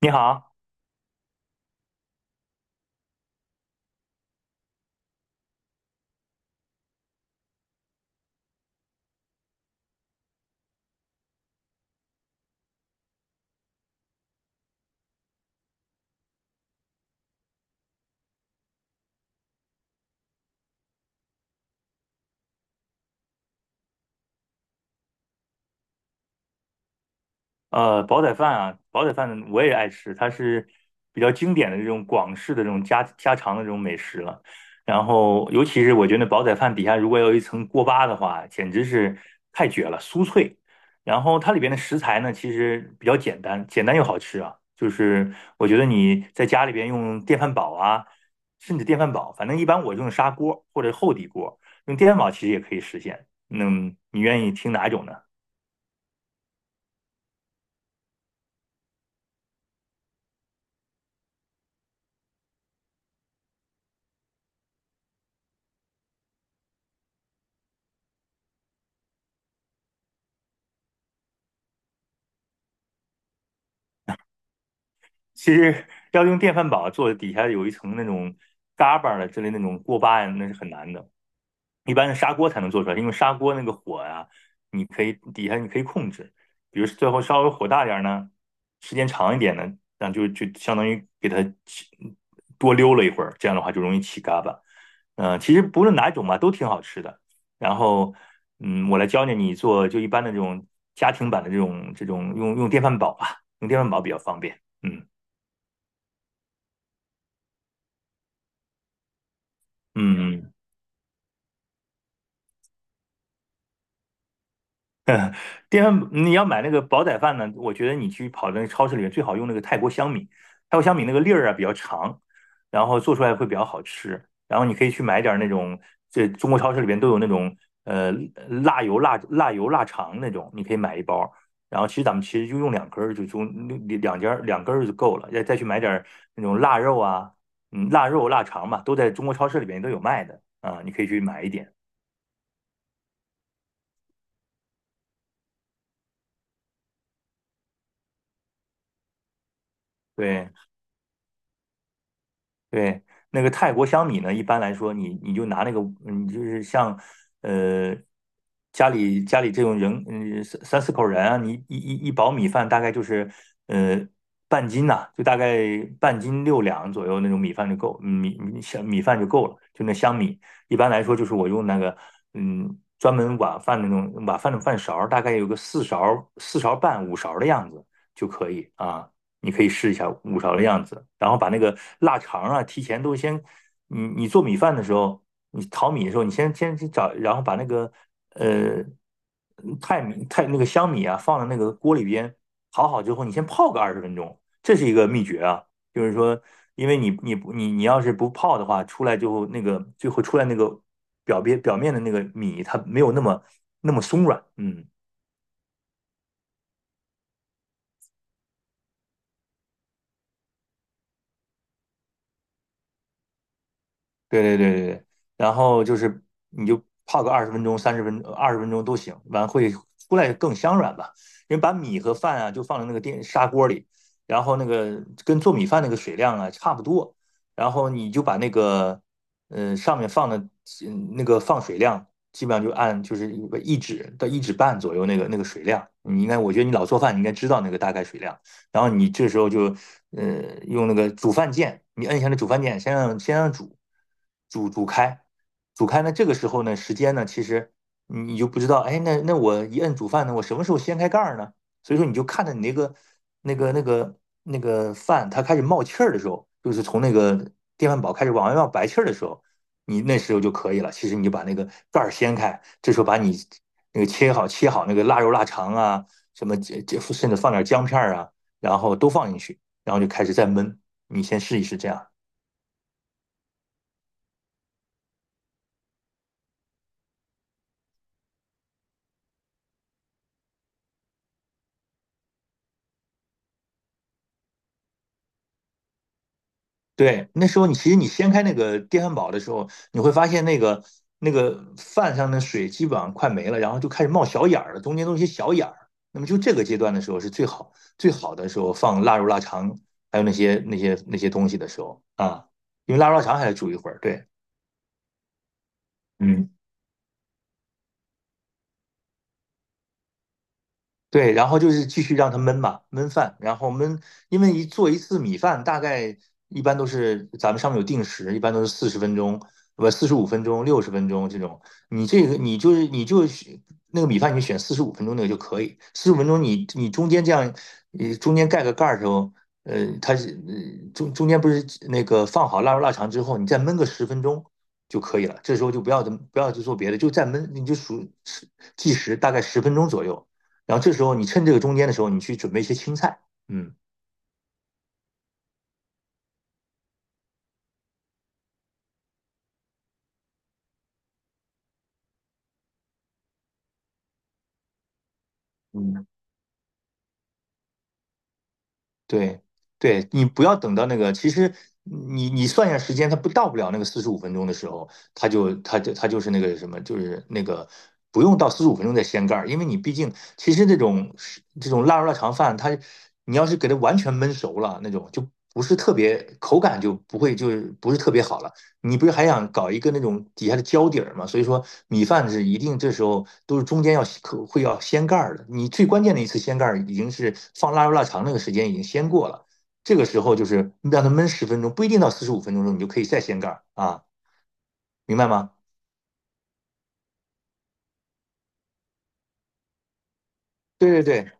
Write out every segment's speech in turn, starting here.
你好，煲仔饭啊，煲仔饭我也爱吃，它是比较经典的这种广式的这种家常的这种美食了。然后，尤其是我觉得煲仔饭底下如果有一层锅巴的话，简直是太绝了，酥脆。然后它里边的食材呢，其实比较简单，简单又好吃啊。就是我觉得你在家里边用电饭煲啊，甚至电饭煲，反正一般我用砂锅或者厚底锅，用电饭煲其实也可以实现。那你愿意听哪种呢？其实要用电饭煲做底下有一层那种嘎巴儿的之类那种锅巴呀，那是很难的。一般的砂锅才能做出来，因为砂锅那个火呀、你可以底下你可以控制，比如最后稍微火大点儿呢，时间长一点呢，那就相当于给它起多溜了一会儿，这样的话就容易起嘎巴。其实不论哪一种吧，都挺好吃的。然后，我来教教你做就一般的这种家庭版的这种用电饭煲吧，用电饭煲比较方便。嗯。嗯，嗯，你要买那个煲仔饭呢，我觉得你去跑那个超市里面最好用那个泰国香米，泰国香米那个粒儿啊比较长，然后做出来会比较好吃。然后你可以去买点儿那种，这中国超市里边都有那种呃辣油辣辣油腊肠那种，你可以买一包儿然后其实咱们其实就用两根儿，就中两两根儿两根儿就够了。再去买点儿那种腊肉啊，嗯，腊肉腊肠嘛，都在中国超市里边都有卖的啊，你可以去买一点。对。对，那个泰国香米呢，一般来说你就拿那个，你就是像，呃，家里这种人，三四口人啊，你一包米饭大概就是，呃，半斤呐、就大概半斤六两左右那种米饭就够，香米饭就够了，就那香米。一般来说，就是我用那个，嗯，专门碗饭那种碗饭的饭勺儿，大概有个四勺、4勺半、五勺的样子就可以啊。你可以试一下五勺的样子，然后把那个腊肠啊，提前都先，你你做米饭的时候，你淘米的时候，你先去找，然后把那个呃泰米泰那个香米啊，放在那个锅里边淘好之后，你先泡个二十分钟，这是一个秘诀啊，就是说，因为你要是不泡的话，出来之后那个最后出来那个表面的那个米，它没有那么松软，嗯。对对对对对，然后就是你就泡个二十分钟、三十分二十分钟都行，完会出来更香软吧。因为把米和饭啊就放在那个电砂锅里，然后那个跟做米饭那个水量啊差不多，然后你就把那个上面放的那个放水量，基本上就按就是一指到1指半左右那个那个水量。你应该，我觉得你老做饭，你应该知道那个大概水量。然后你这时候就用那个煮饭键，你摁一下那煮饭键，先让煮开，煮开呢这个时候呢时间呢其实你就不知道，哎那那我一摁煮饭呢，我什么时候掀开盖儿呢？所以说你就看着你那个那个那个饭它开始冒气儿的时候，就是从那个电饭煲开始往外冒白气儿的时候，你那时候就可以了。其实你就把那个盖儿掀开，这时候把你那个切好那个腊肉腊肠啊，什么这这甚至放点姜片儿啊。然后都放进去，然后就开始再焖。你先试一试这样。对，那时候你其实你掀开那个电饭煲的时候，你会发现那个饭上的水基本上快没了，然后就开始冒小眼儿了，中间都是一些小眼儿。那么就这个阶段的时候是最好最好的时候放腊肉、腊肠，还有那些东西的时候啊，因为腊肉、腊肠还得煮一会儿。对，嗯。对，然后就是继续让它焖嘛，焖饭，然后焖，因为一次米饭，大概一般都是咱们上面有定时，一般都是40分钟，不四十五分钟、60分钟这种。你就是那个米饭，你选四十五分钟那个就可以。四十五分钟你你中间这样，中间盖个盖儿的时候，它是中间不是那个放好腊肉腊肠之后，你再焖个十分钟就可以了。这时候就不要去做别的，就再焖，你就数计时，大概十分钟左右。然后这时候你趁这个中间的时候，你去准备一些青菜。嗯嗯，对对，你不要等到那个，其实你你算一下时间，它不了那个四十五分钟的时候，它就是那个什么，就是那个不用到四十五分钟再掀盖儿，因为你毕竟其实这种是这种腊肉腊肠饭，它你要是给它完全焖熟了那种，就不是特别口感就不会就是不是特别好了。你不是还想搞一个那种底下的胶底儿吗？所以说米饭是一定这时候都是中间要可会要掀盖儿的。你最关键的一次掀盖儿已经是放腊肉腊肠那个时间已经掀过了，这个时候就是让它焖十分钟，不一定到四十五分钟的时候你就可以再掀盖儿啊，明白吗？对对对。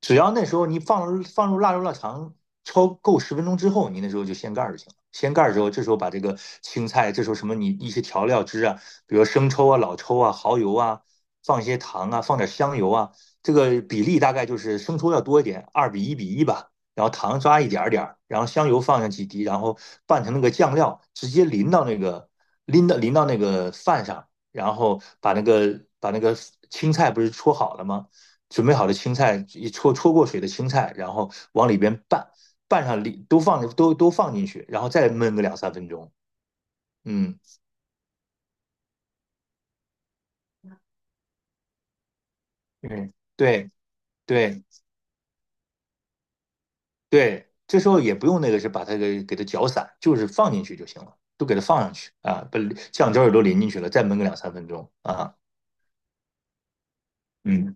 只要那时候你放入腊肉腊肠焯够十分钟之后，你那时候就掀盖儿就行了。掀盖儿之后，这时候把这个青菜，这时候什么你一些调料汁啊，比如生抽啊、老抽啊、蚝油啊，放一些糖啊，放点香油啊，这个比例大概就是生抽要多一点，2:1:1吧，然后糖抓一点点儿，然后香油放上几滴，然后拌成那个酱料，直接淋到那个饭上，然后把那个青菜不是戳好了吗？准备好的青菜，焯过水的青菜，然后往里边拌，拌上里都放都放进去，然后再焖个两三分钟。嗯，对对对对，这时候也不用那个是把它给它搅散，就是放进去就行了，都给它放上去啊，把酱汁儿也都淋进去了，再焖个两三分钟啊。嗯，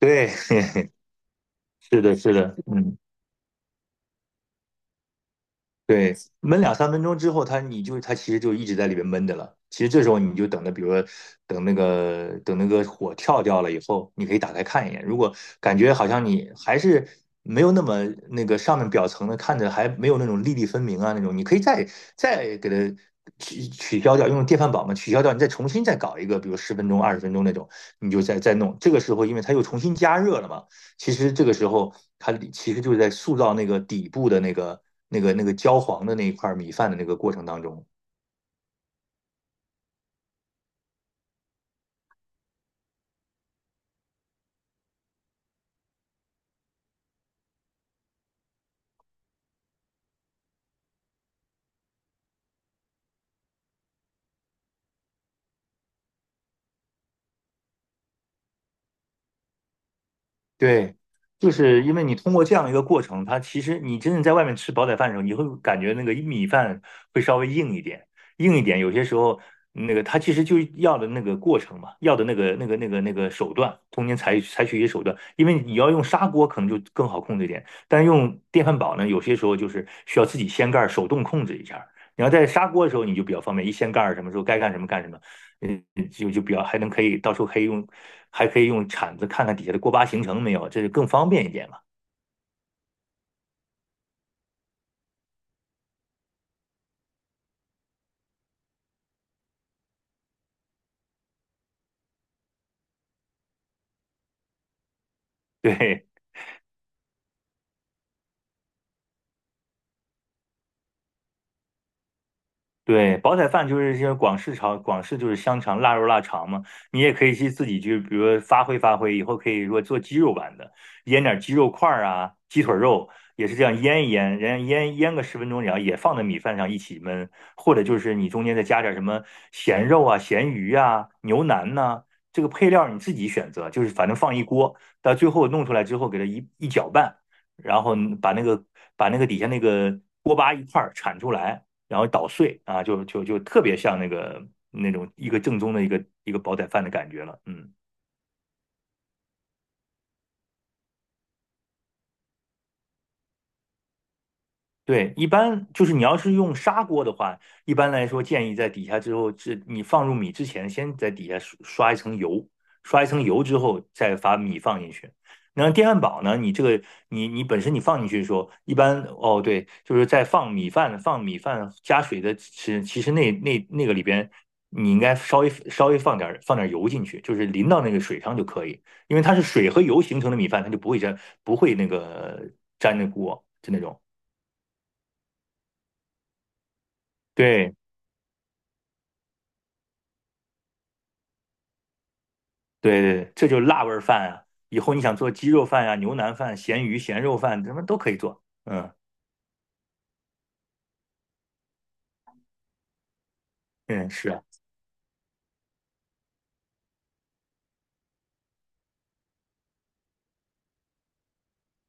对，是的，是的，嗯。对，焖两三分钟之后，它你就它其实就一直在里边焖着了。其实这时候你就等着，比如说等那个火跳掉了以后，你可以打开看一眼。如果感觉好像你还是没有那么那个上面表层的看着还没有那种粒粒分明啊那种，你可以再给它取消掉，用电饭煲嘛取消掉，你再重新再搞一个，比如十分钟、20分钟那种，你就再弄。这个时候因为它又重新加热了嘛。其实这个时候，它其实就是在塑造那个底部的那个焦黄的那一块米饭的那个过程当中，对，就是因为你通过这样一个过程，它其实你真正在外面吃煲仔饭的时候，你会感觉那个米饭会稍微硬一点，硬一点。有些时候，那个它其实就要的那个过程嘛，要的那个手段，中间采取一些手段。因为你要用砂锅可能就更好控制一点，但用电饭煲呢，有些时候就是需要自己掀盖儿手动控制一下儿。你要在砂锅的时候，你就比较方便，一掀盖儿什么时候该干什么干什么。嗯，就比较还能可以到时候可以用，还可以用铲子看看底下的锅巴形成没有，这就更方便一点嘛。对，对，煲仔饭就是些广式炒，广式就是香肠、腊肉、腊肠嘛。你也可以去自己去，比如说发挥发挥，以后可以如果做鸡肉版的，腌点鸡肉块儿啊，鸡腿肉也是这样腌一腌，然后腌个十分钟，然后也放在米饭上一起焖，或者就是你中间再加点什么咸肉啊、咸鱼啊、牛腩呐、这个配料你自己选择，就是反正放一锅，到最后弄出来之后给它一一搅拌，然后把那个把那个底下那个锅巴一块儿铲出来。然后捣碎啊，就特别像那个那种一个正宗的一个煲仔饭的感觉了，嗯。对，一般就是你要是用砂锅的话，一般来说建议在底下之后，这你放入米之前，先在底下刷一层油，刷一层油之后再把米放进去。然后电饭煲呢，你这个你本身你放进去的时候，一般哦对，就是在放米饭加水的时，其实那个里边你应该稍微放点油进去，就是淋到那个水上就可以，因为它是水和油形成的米饭，它就不会粘不会那个粘那锅就那种。对，对对这就是辣味儿饭啊！以后你想做鸡肉饭呀、牛腩饭、咸鱼、咸肉饭，什么都可以做。嗯嗯，是啊，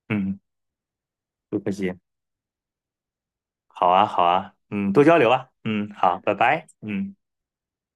嗯，不客气。好啊，好啊，嗯，多交流啊，嗯，好，拜拜，嗯。